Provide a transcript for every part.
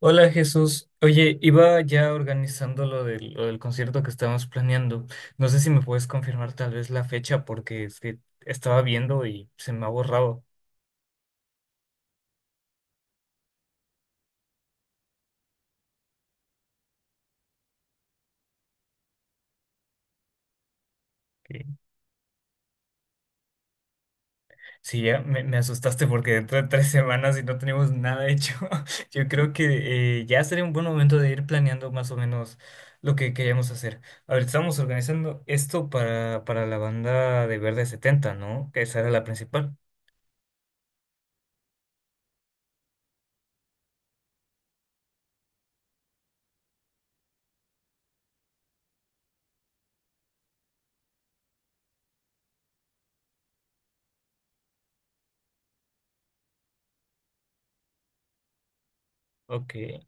Hola Jesús, oye, iba ya organizando lo del concierto que estábamos planeando. No sé si me puedes confirmar tal vez la fecha porque es que estaba viendo y se me ha borrado. Que- Sí, ya me asustaste porque dentro de 3 semanas y no tenemos nada hecho. Yo creo que ya sería un buen momento de ir planeando más o menos lo que queríamos hacer. A ver, estamos organizando esto para la banda de Verde Setenta, ¿no? Que esa era la principal. Ok.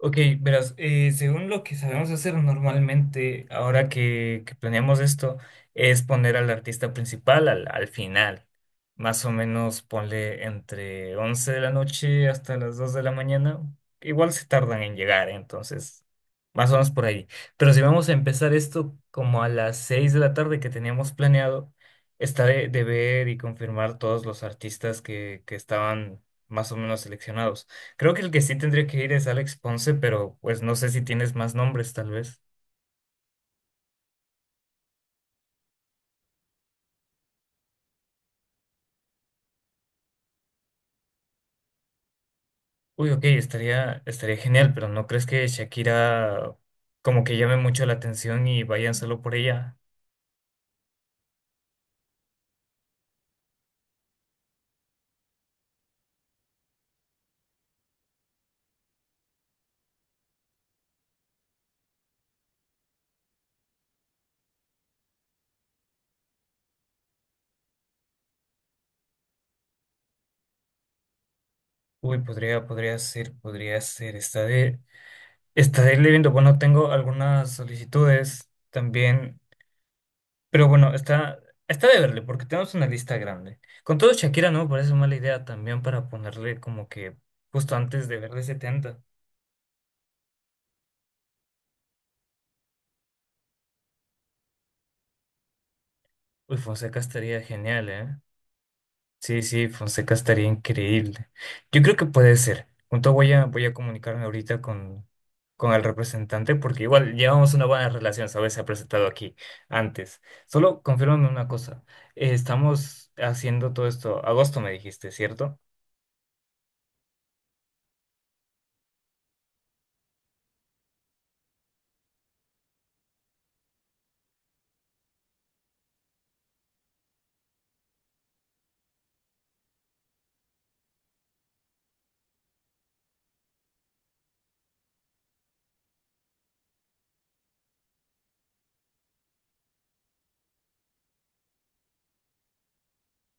Ok, verás, según lo que sabemos hacer normalmente, ahora que planeamos esto, es poner al artista principal al final. Más o menos ponle entre 11 de la noche hasta las 2 de la mañana. Igual se tardan en llegar, entonces, más o menos por ahí. Pero si vamos a empezar esto como a las 6 de la tarde que teníamos planeado, está de ver y confirmar todos los artistas que estaban más o menos seleccionados. Creo que el que sí tendría que ir es Alex Ponce, pero pues no sé si tienes más nombres, tal vez. Uy, ok, estaría genial, pero ¿no crees que Shakira como que llame mucho la atención y vayan solo por ella? Uy, podría ser, podría ser. Estaré leyendo. Bueno, tengo algunas solicitudes también, pero bueno, está de verle, porque tenemos una lista grande. Con todo, Shakira no me parece mala idea también para ponerle como que justo antes de verle setenta. Uy, Fonseca estaría genial, ¿eh? Sí, sí, Fonseca estaría increíble. Yo creo que puede ser. Junto voy a comunicarme ahorita con el representante porque igual llevamos una buena relación, ¿sabes? Se ha presentado aquí antes. Solo confírmame una cosa. Estamos haciendo todo esto. Agosto me dijiste, ¿cierto?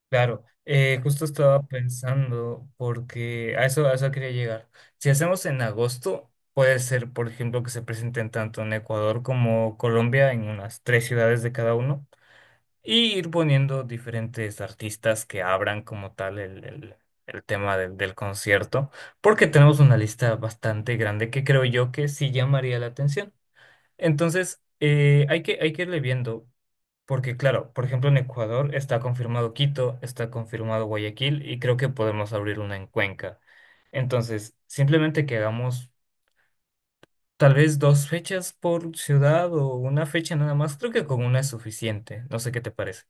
Claro. Justo estaba pensando porque a eso quería llegar. Si hacemos en agosto, puede ser, por ejemplo, que se presenten tanto en Ecuador como Colombia en unas tres ciudades de cada uno. Y ir poniendo diferentes artistas que abran como tal el tema del concierto, porque tenemos una lista bastante grande que creo yo que sí llamaría la atención. Entonces, hay que irle viendo, porque claro, por ejemplo, en Ecuador está confirmado Quito, está confirmado Guayaquil y creo que podemos abrir una en Cuenca. Entonces, simplemente que hagamos tal vez dos fechas por ciudad o una fecha nada más, creo que con una es suficiente. No sé qué te parece.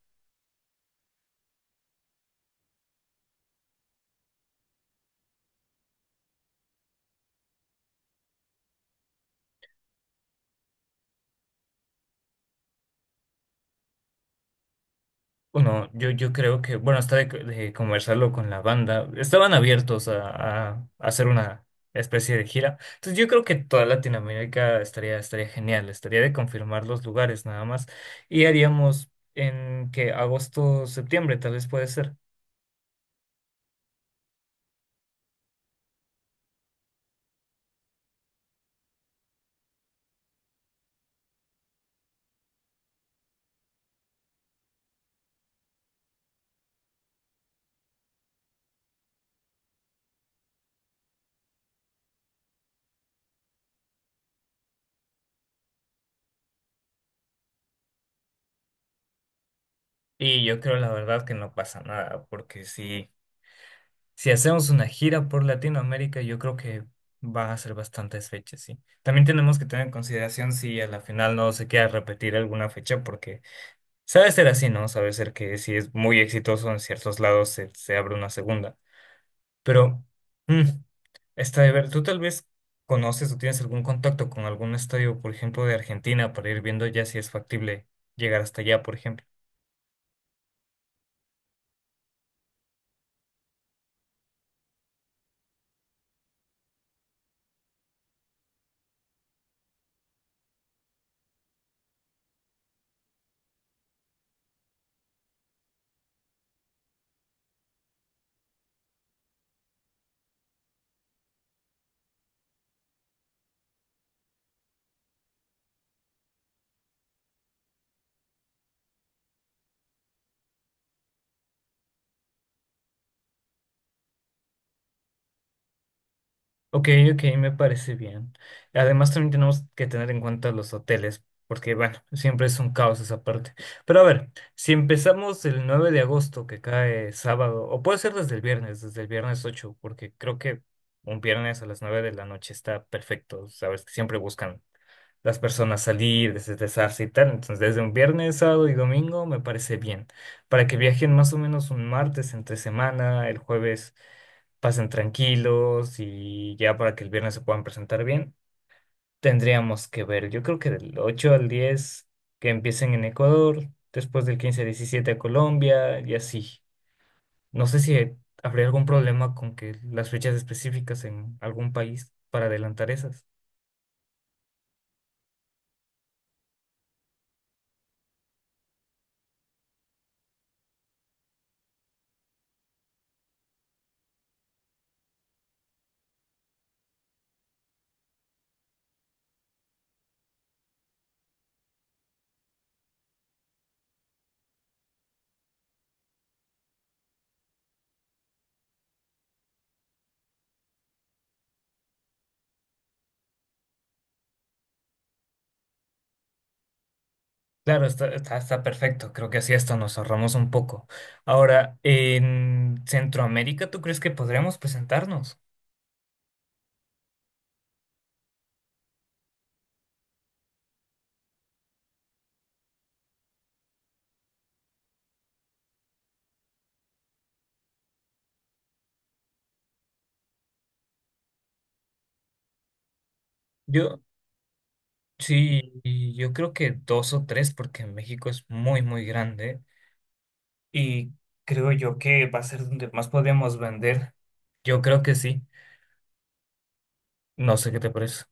Bueno, yo creo que, bueno, hasta de conversarlo con la banda, estaban abiertos a hacer una especie de gira. Entonces yo creo que toda Latinoamérica estaría genial, estaría de confirmar los lugares nada más. Y haríamos en que agosto, septiembre tal vez puede ser. Y yo creo la verdad que no pasa nada, porque si hacemos una gira por Latinoamérica, yo creo que van a ser bastantes fechas, sí. También tenemos que tener en consideración si a la final no se queda repetir alguna fecha, porque. Sabe ser así, ¿no? Sabe ser que si es muy exitoso en ciertos lados se abre una segunda. Pero, mm, está de ver, tú tal vez conoces o tienes algún contacto con algún estadio, por ejemplo, de Argentina, para ir viendo ya si es factible llegar hasta allá, por ejemplo. Ok, ok, me parece bien. Además, también tenemos que tener en cuenta los hoteles, porque bueno, siempre es un caos esa parte. Pero a ver, si empezamos el 9 de agosto, que cae sábado, o puede ser desde el viernes, desde el viernes 8, porque creo que un viernes a las 9 de la noche está perfecto. Sabes que siempre buscan las personas salir, desestresarse y tal. Entonces, desde un viernes, sábado y domingo me parece bien. Para que viajen más o menos un martes entre semana, el jueves pasen tranquilos y ya para que el viernes se puedan presentar bien, tendríamos que ver, yo creo que del 8 al 10 que empiecen en Ecuador, después del 15 al 17 a Colombia y así. No sé si habría algún problema con que las fechas específicas en algún país para adelantar esas. Claro, está perfecto. Creo que así esto nos ahorramos un poco. Ahora, en Centroamérica, ¿tú crees que podríamos presentarnos? Yo, sí, y yo creo que dos o tres, porque México es muy, muy grande y creo yo que va a ser donde más podemos vender. Yo creo que sí. No sé qué te parece.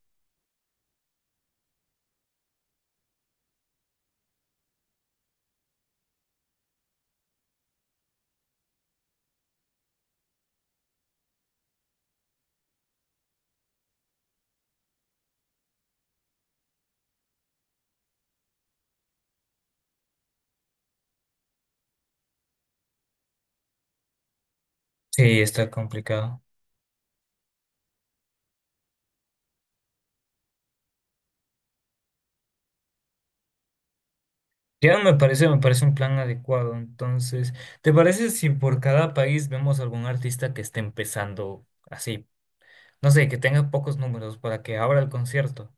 Sí, está complicado. Ya me parece un plan adecuado. Entonces, ¿te parece si por cada país vemos algún artista que esté empezando así? No sé, que tenga pocos números para que abra el concierto.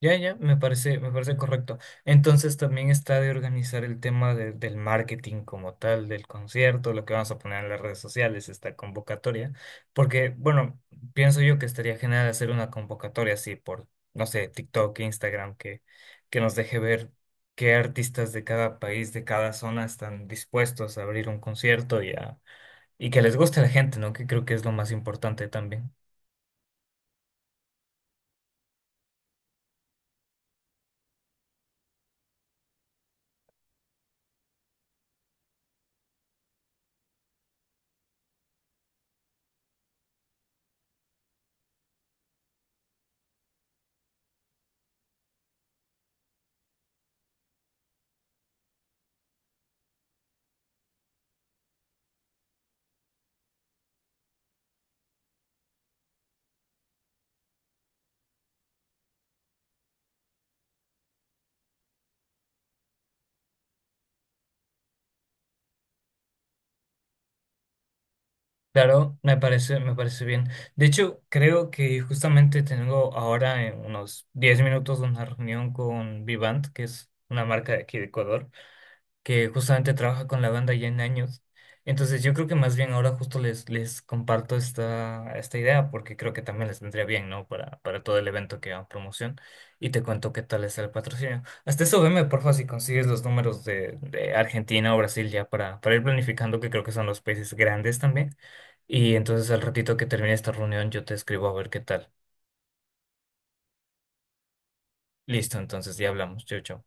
Ya, ya, me parece correcto. Entonces también está de organizar el tema del marketing como tal, del concierto, lo que vamos a poner en las redes sociales, esta convocatoria. Porque, bueno, pienso yo que estaría genial hacer una convocatoria así por, no sé, TikTok, Instagram, que nos deje ver qué artistas de cada país, de cada zona están dispuestos a abrir un concierto y que les guste a la gente, ¿no? Que creo que es lo más importante también. Claro, me parece bien. De hecho, creo que justamente tengo ahora en unos 10 minutos una reunión con Vivant, que es una marca de aquí de Ecuador que justamente trabaja con la banda ya en años. Entonces yo creo que más bien ahora justo les comparto esta idea porque creo que también les vendría bien, ¿no? Para todo el evento que va a promoción y te cuento qué tal es el patrocinio. Hasta eso veme, porfa, si consigues los números de Argentina o Brasil ya para ir planificando que creo que son los países grandes también. Y entonces al ratito que termine esta reunión yo te escribo a ver qué tal. Listo, entonces ya hablamos. Chau, chau.